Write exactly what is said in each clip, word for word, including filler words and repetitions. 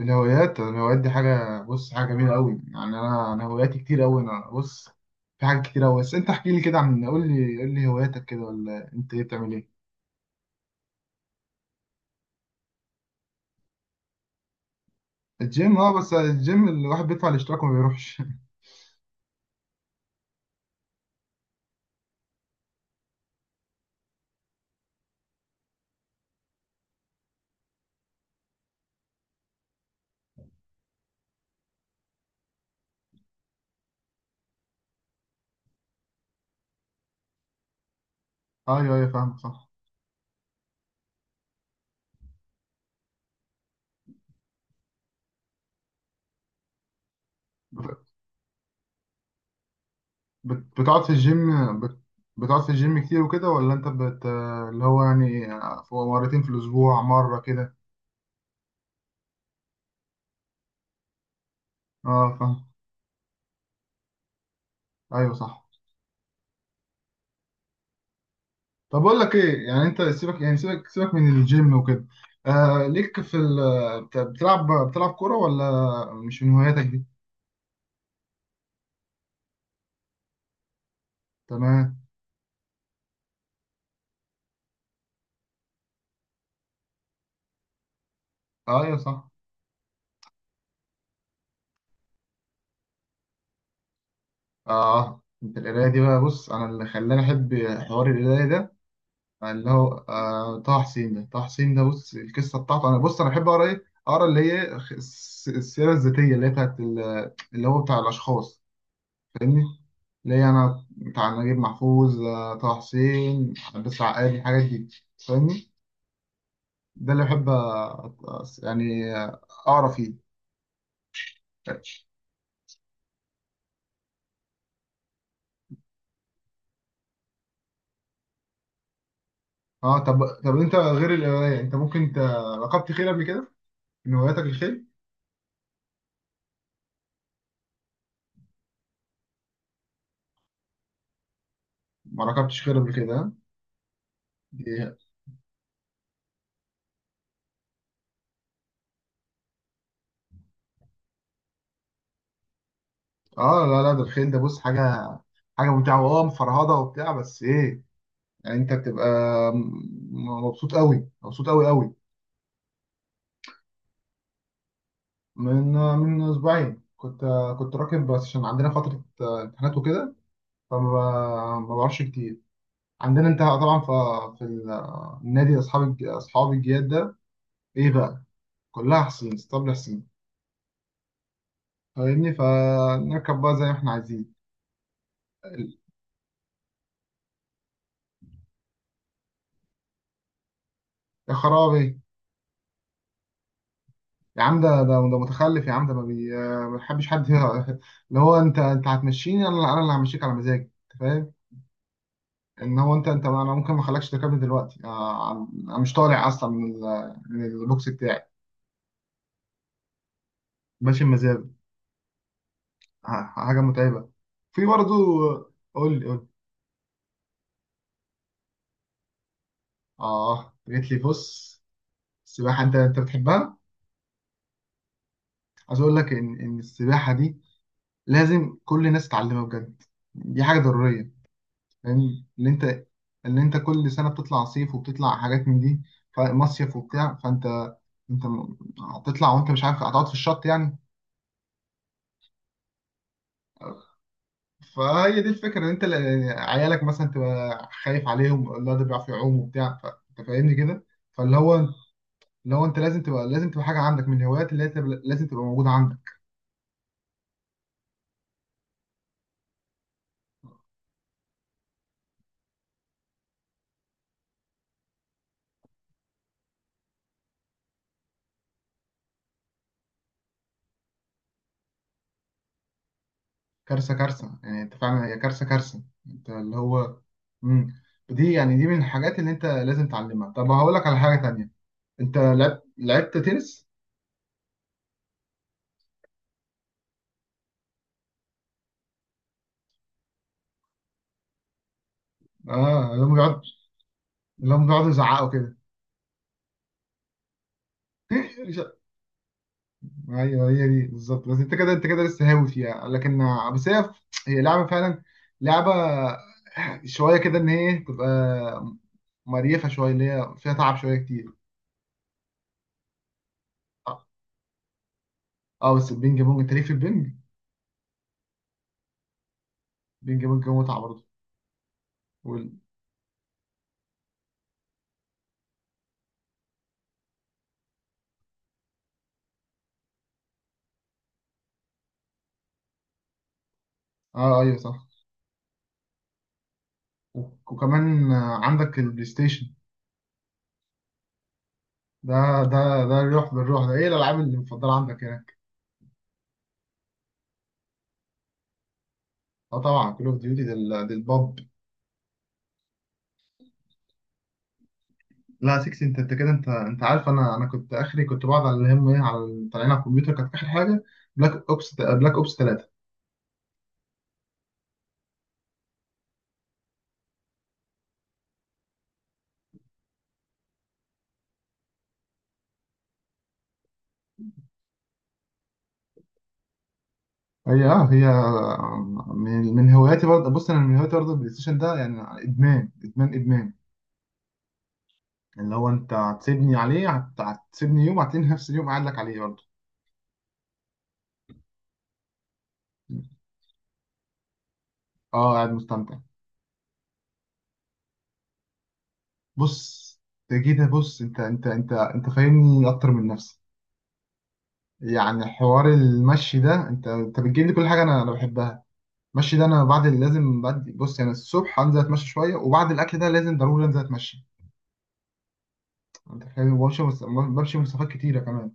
الهوايات الهوايات دي حاجة، بص، حاجة جميلة قوي. يعني أنا أنا هواياتي كتير قوي. أنا بص، في حاجات كتير قوي. بس أنت احكي لي كده، عن قول لي قول لي هواياتك كده، ولا أنت إيه بتعمل إيه؟ الجيم. أه بس الجيم الواحد بيدفع الاشتراك وما بيروحش أيوه أيوه، فاهمك، صح. بت- بت- بتقعد في الجيم، بت- بتقعد في الجيم كتير وكده، ولا أنت بت اللي هو يعني آه، مرتين في الأسبوع، مرة كده. أه، فاهم. أيوه، صح. طب اقول لك ايه، يعني انت سيبك، يعني سيبك سيبك من الجيم وكده. آه، ليك في ال بت- بتلعب بتلعب كوره، ولا مش من هواياتك دي؟ تمام. آه، ايوه، صح. اه انت القرايه دي بقى، بص، انا اللي خلاني احب حوار القرايه ده، اللي هو آه طه حسين ده طه حسين ده بص، القصه بتاعته. انا بص، انا بحب اقرا ايه، اقرا اللي هي خ- الس- السيره الذاتيه، اللي هي بتاعت ال- اللي هو بتاع الاشخاص. فاهمني؟ اللي هي انا بتاع نجيب محفوظ، آه، طه حسين، عباس العقاد، الحاجات دي. فاهمني؟ ده اللي بحب أ- أ- يعني اقرا فيه. اه طب طب انت غير القرايه، انت ممكن ت... ركبت خيل قبل كده؟ من هواياتك الخيل؟ ما ركبتش خيل قبل كده، ها؟ دي- اه لا لا، ده الخيل ده، بص، حاجه، حاجه ممتعه، واه مفرهده وبتاع. بس ايه، يعني انت بتبقى م- مبسوط قوي، مبسوط قوي قوي. من من اسبوعين كنت كنت راكب، بس عشان عندنا فتره امتحانات وكده، فما ب- ما بعرفش كتير. عندنا انت طبعا ف- في النادي، اصحاب الج- اصحاب الجياد ده، ايه بقى، كلها حصين، اسطبل حصين، فاهمني؟ فنركب بقى زي ما احنا عايزين. يا خرابي! يا عم، ده ده ده متخلف، يا عم، ده ما بي- ما بيحبش حد يه- اللي هو، انت انت هتمشيني انا انا اللي همشيك على مزاجي. انت فاهم؟ ان هو انت انت انا ممكن ما اخلكش تركبني دلوقتي. اه، انا مش طالع اصلا من ال- من البوكس بتاعي. ماشي بمزاجي. ح- حاجه متعبه في برضه. قول لي قول لي. اه جيت لي، بص، السباحة، أنت أنت بتحبها؟ عايز أقول لك إن إن السباحة دي لازم كل الناس تتعلمها بجد. دي حاجة ضرورية. فاهم؟ اللي أنت اللي أنت كل سنة بتطلع صيف وبتطلع حاجات من دي، فمصيف وبتاع، فأنت أنت م- هتطلع وأنت مش عارف، هتقعد في الشط يعني. فهي دي الفكرة، إن أنت ل- عيالك مثلا تبقى خايف عليهم، لا، ده بيعرف يعوم وبتاع، فأنت فاهمني كده. فاللي هو اللي هو أنت لازم تبقى لازم تبقى حاجة عندك من الهوايات، اللي هي تبقى- لازم تبقى موجودة عندك. كارثة كارثة، يعني انت فعلا، هي كارثة كارثة، انت اللي هو. امم دي يعني، دي من الحاجات اللي انت لازم تعلمها. طب هقول لك على حاجة تانية، انت لعبت لعبت تنس؟ اه. اللي هم بيقعدوا، اللي هم بيقعدوا يزعقوا كده ايوه، هي دي بالظبط. بس انت كده انت كده لسه هاوي فيها لكن، بس هي هي لعبة فعلا، لعبة شوية كده، ان هي تبقى مريفة شوية، اللي هي فيها تعب شوية كتير. اه آه، بس البينج بونج، انت ليه في البينج؟ بينج بونج متعة برضه. وال... اه ايوه، صح. وكمان عندك البلاي ستيشن، ده ده ده الروح بالروح ده، ايه الالعاب اللي مفضله عندك هناك؟ اه طبعا كول اوف ديوتي دي الباب. لا، ستة انت انت كده، انت انت عارف، انا انا كنت اخري، كنت بقعد على الهم ايه على ال- طالعين على الكمبيوتر كانت اخر حاجه. بلاك اوبس، بلاك اوبس تلاتة. هي اه هي من من هواياتي برضه، بص، انا من هواياتي برضه البلاي ستيشن ده، يعني ادمان ادمان ادمان. اللي هو، انت هتسيبني عليه، هت- هتسيبني يوم، هتلاقيني نفس اليوم قاعد لك عليه برضه. اه قاعد مستمتع. بص، انت جيت، بص، انت انت انت انت فاهمني اكتر من نفسي. يعني حوار المشي ده، انت انت بتجيب لي كل حاجه انا انا بحبها. المشي ده، انا بعد اللي لازم، بعد، بص، يعني الصبح انزل اتمشى شويه، وبعد الاكل ده لازم ضروري انزل اتمشى. انت فاهم؟ بمشي مس- بمشي مسافات كتيره كمان.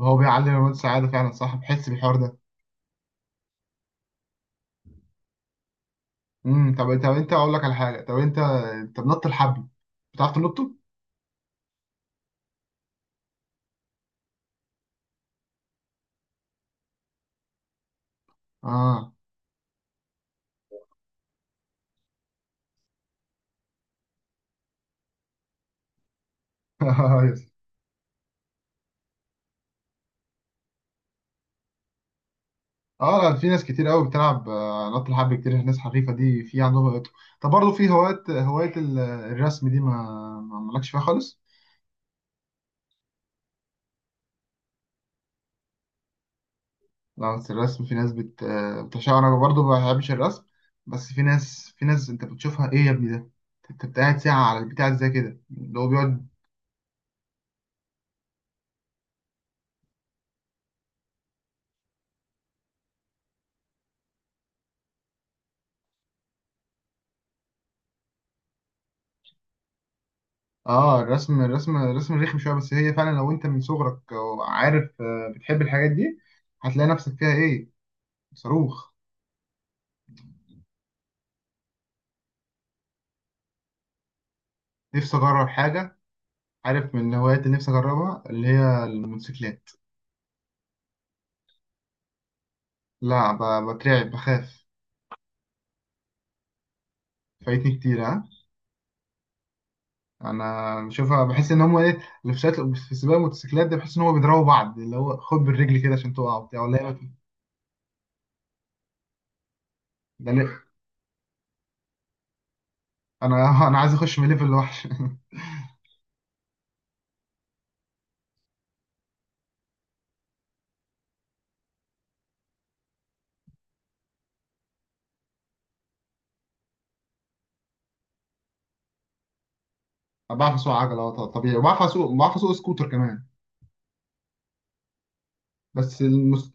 هو بيعلي هرمونات السعاده فعلا، صح، بحس بالحوار ده. امم طب، طب انت، اقول لك على حاجه، طب انت انت بنط الحبل، بتعرف تنطه؟ اه اه، لا، في ناس كتير قوي بتلعب آه، نط الحبل، كتير ناس حريفه دي، في عندهم هوايات. طب برضه في هوايات، هوايه ال- الرسم دي، ما ما مالكش فيها خالص؟ لا بس الرسم في ناس بت آه، بتعشقها. انا برضه ما بحبش الرسم، بس في ناس، في ناس انت بتشوفها، ايه يا ابني ده؟ انت بت- قاعد ساعه على البتاع زي كده، اللي هو بيقعد. اه الرسم الرسم الرسم رخم شويه. بس هي فعلا لو انت من صغرك، آه، عارف، آه، بتحب الحاجات دي، هتلاقي نفسك فيها ايه، صاروخ. نفسي اجرب حاجه، عارف من الهوايات اللي نفسي أجربها، اللي هي الموتوسيكلات. لا، ب- بترعب، بخاف. فايتني كتير، ها؟ أنا بشوفها، بحس إن هما إيه، اللي في ساعات في سباق الموتوسيكلات ده، بحس إن هما بيضربوا بعض، اللي هو خد بالرجل كده عشان تقع وبتاع ولا إيه؟ ده ليه؟ أنا أنا عايز أخش من ليفل لوحش أنا بعرف أسوق عجلة، آه، طبيعي، وبعرف أسوق، بعرف أسوق سكوتر كمان. بس المس...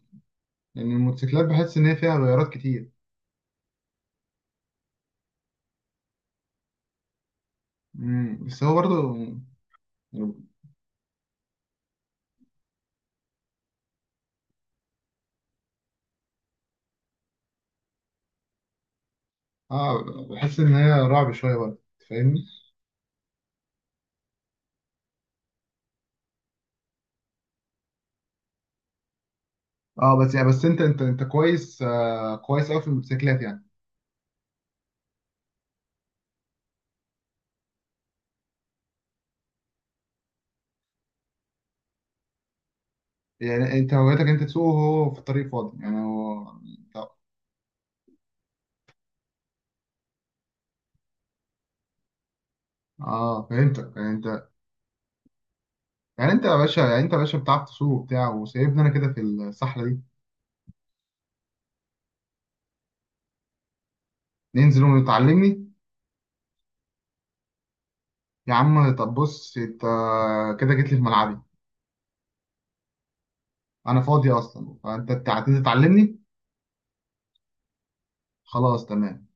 يعني الموتوسيكلات، بحس إن هي فيها غيارات كتير. مم. بس هو برضه، يعني، آه بحس إن هي رعب شوية برضه. فاهمني؟ اه، بس يعني بس انت انت انت كويس، آه كويس قوي في الموتوسيكلات يعني. يعني انت هوايتك انت تسوق وهو في الطريق فاضي، يعني هو انت- اه، فهمتك، يعني انت، يعني انت يا باشا يعني انت يا باشا بتعرف تسوق وبتاع وسايبني انا كده في الصحراء دي. ننزل وتعلمني؟ يا عم، طب، بص، انت كده جيت لي في ملعبي، انا فاضي اصلا، فانت تع- هتنزل تعلمني. خلاص، تمام.